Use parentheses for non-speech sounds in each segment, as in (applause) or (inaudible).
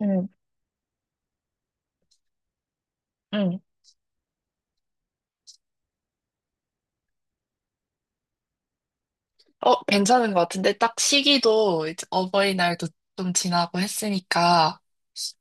응, 응. 어, 괜찮은 것 같은데, 딱 시기도 이제 어버이날도 좀 지나고 했으니까,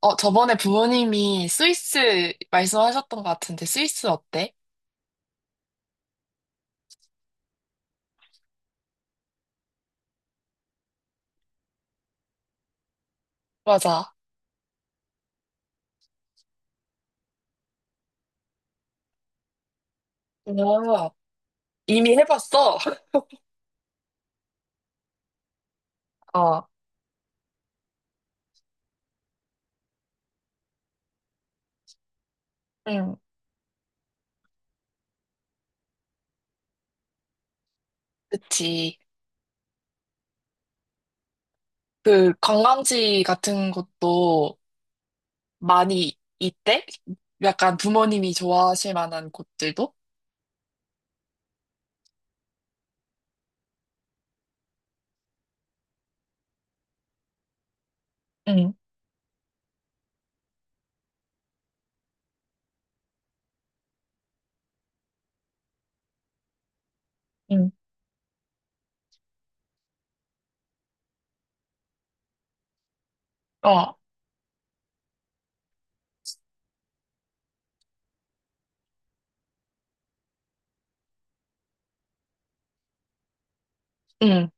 어, 저번에 부모님이 스위스 말씀하셨던 것 같은데, 스위스 어때? 맞아. 어, 이미 해봤어. (laughs) 어, 응, 그치. 그 관광지 같은 곳도 많이 있대? 약간 부모님이 좋아하실 만한 곳들도? 응, 응. 어, 응.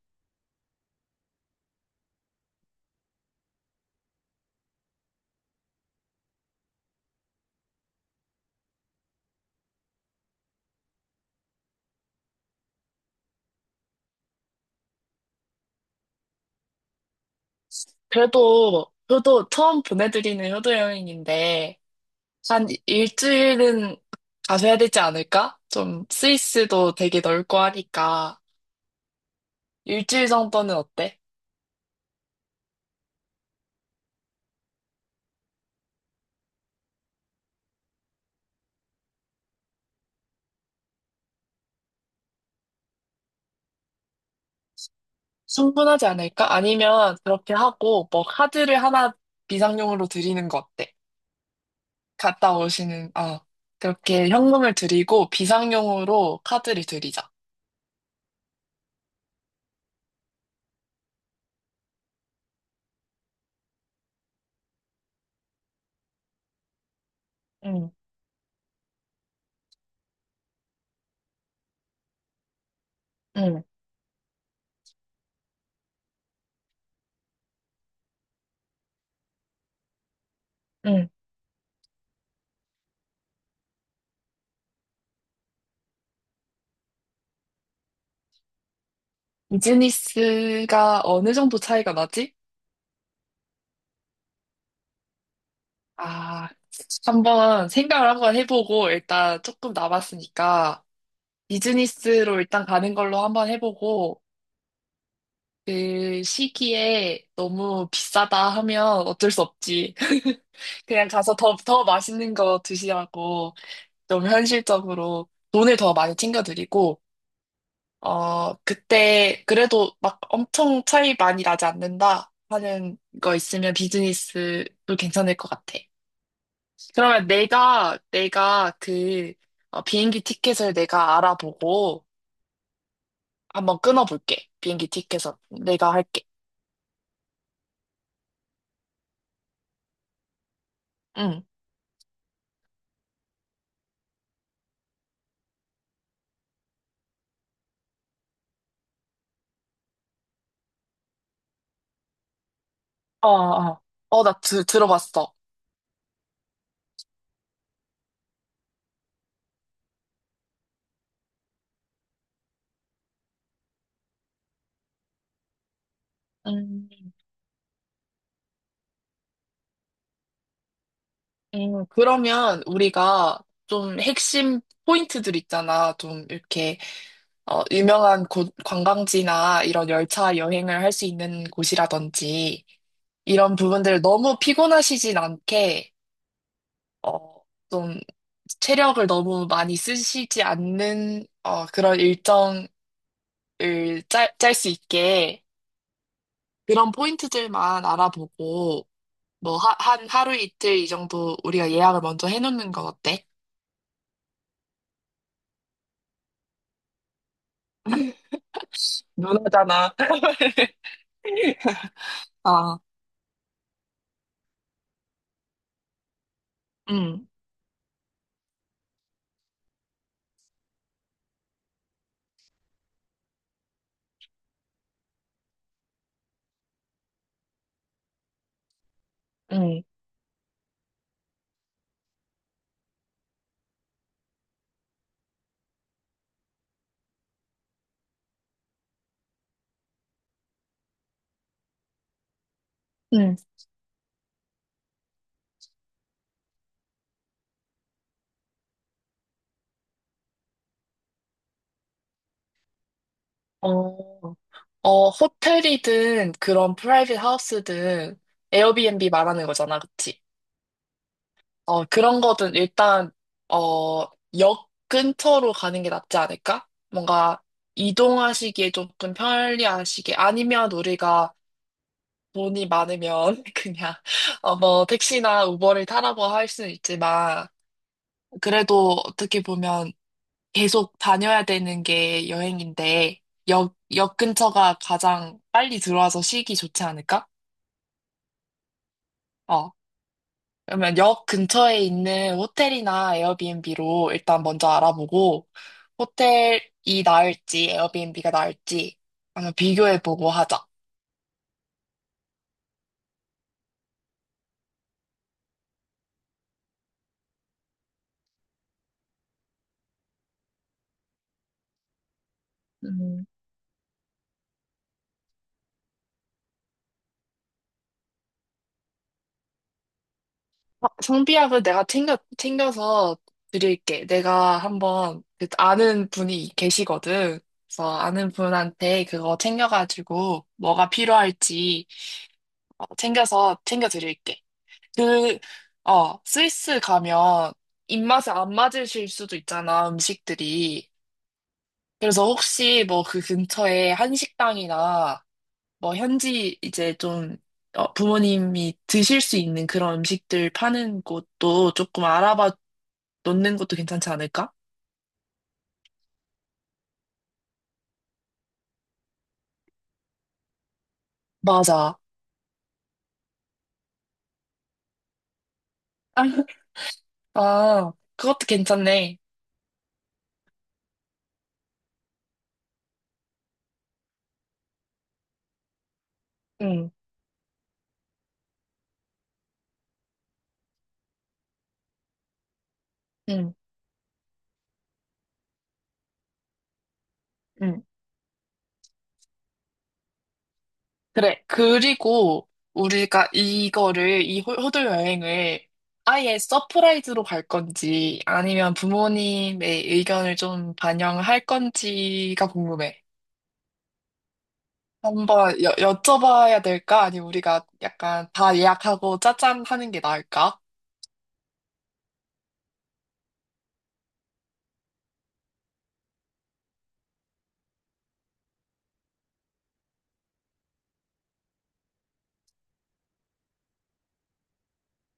그래도, 저도 처음 보내드리는 효도 여행인데, 한 일주일은 가셔야 되지 않을까? 좀 스위스도 되게 넓고 하니까 일주일 정도는 어때? 충분하지 않을까? 아니면 그렇게 하고 뭐 카드를 하나 비상용으로 드리는 거 어때? 갔다 오시는 그렇게 현금을 드리고 비상용으로 카드를 드리자. 응, 응, 응. 비즈니스가 어느 정도 차이가 나지? 아, 한번 생각을 한번 해보고 일단 조금 남았으니까. 비즈니스로 일단 가는 걸로 한번 해보고, 그 시기에 너무 비싸다 하면 어쩔 수 없지. (laughs) 그냥 가서 더, 더 맛있는 거 드시라고 좀 현실적으로 돈을 더 많이 챙겨드리고, 어, 그때 그래도 막 엄청 차이 많이 나지 않는다 하는 거 있으면 비즈니스도 괜찮을 것 같아. 그러면 내가 그 어, 비행기 티켓을 내가 알아보고, 한번 끊어볼게. 비행기 티켓은 내가 할게. 응. 어, 어. 어, 나 들어봤어. 음, 그러면 우리가 좀 핵심 포인트들 있잖아. 좀 이렇게 어, 유명한 곳, 관광지나 이런 열차 여행을 할 수 있는 곳이라든지 이런 부분들 너무 피곤하시진 않게 어, 좀 체력을 너무 많이 쓰시지 않는 어, 그런 일정을 짤 수 있게 그런 포인트들만 알아보고 뭐 한 하루 이틀 이 정도 우리가 예약을 먼저 해놓는 건 어때? 누나잖 (laughs) 아 아, 응, 응, 응. 어, 어, 호텔이든 그런 프라이빗 하우스든 에어비앤비 말하는 거잖아, 그치? 어, 그런 거든 일단, 어, 역 근처로 가는 게 낫지 않을까? 뭔가 이동하시기에 조금 편리하시게. 아니면 우리가 돈이 많으면 (laughs) 그냥 어, 뭐 택시나 우버를 타라고 할 수는 있지만 그래도 어떻게 보면 계속 다녀야 되는 게 여행인데 역 근처가 가장 빨리 들어와서 쉬기 좋지 않을까? 어. 그러면 역 근처에 있는 호텔이나 에어비앤비로 일단 먼저 알아보고 호텔이 나을지 에어비앤비가 나을지 한번 비교해보고 하자. 아, 성비약은 내가 챙겨서 드릴게. 내가 한번 그 아는 분이 계시거든. 그래서 아는 분한테 그거 챙겨가지고 뭐가 필요할지 어, 챙겨서 챙겨 드릴게. 그, 어, 스위스 가면 입맛에 안 맞으실 수도 있잖아, 음식들이. 그래서 혹시 뭐 그 근처에 한식당이나 뭐 현지 이제 좀 어, 부모님이 드실 수 있는 그런 음식들 파는 곳도 조금 알아봐 놓는 것도 괜찮지 않을까? 맞아. (laughs) 아, 그것도 괜찮네. 응, 응, 응. 그래. 그리고 우리가 호돌 여행을 아예 서프라이즈로 갈 건지 아니면 부모님의 의견을 좀 반영할 건지가 궁금해. 한번 여쭤봐야 될까? 아니면 우리가 약간 다 예약하고 짜잔 하는 게 나을까?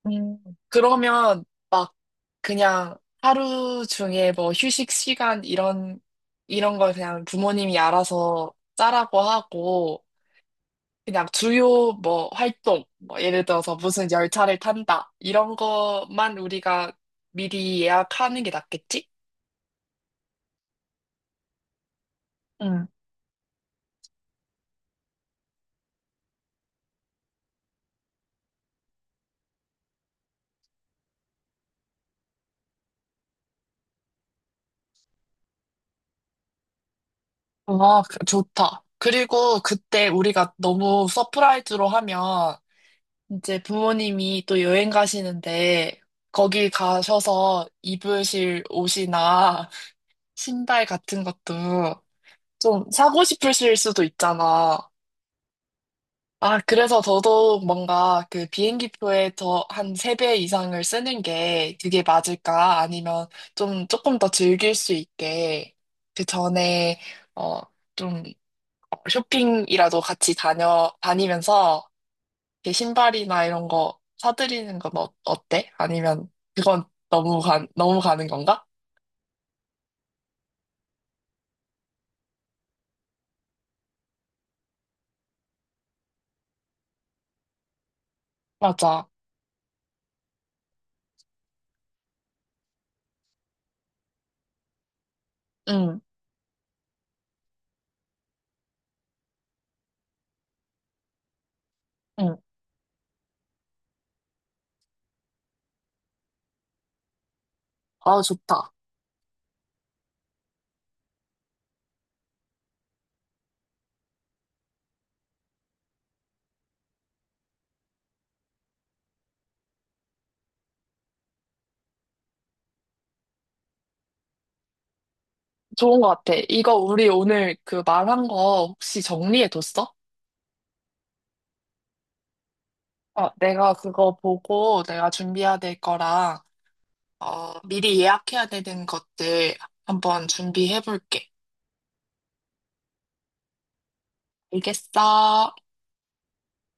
음, 그러면 막 그냥 하루 중에 뭐 휴식 시간 이런 걸 그냥 부모님이 알아서 짜라고 하고 그냥 주요 뭐 활동, 뭐 예를 들어서 무슨 열차를 탄다 이런 것만 우리가 미리 예약하는 게 낫겠지? 음. 아, 그- 좋다. 그리고 그때 우리가 너무 서프라이즈로 하면 이제 부모님이 또 여행 가시는데 거기 가셔서 입으실 옷이나 (laughs) 신발 같은 것도 좀 사고 싶으실 수도 있잖아. 아, 그래서 더더욱 뭔가 그 비행기표에 더 한 세 배 이상을 쓰는 게 그게 맞을까? 아니면 좀 조금 더 즐길 수 있게 그 전에 어, 좀 어, 쇼핑이라도 같이 다니면서 이렇게 신발이나 이런 거 사드리는 건 어, 어때? 아니면 그건 너무 너무 가는 건가? 맞아. 응, 응. 아, 좋다. 좋은 것 같아. 이거 우리 오늘 그 말한 거 혹시 정리해뒀어? 어, 내가 그거 보고 내가 준비해야 될 거랑, 어, 미리 예약해야 되는 것들 한번 준비해볼게. 알겠어.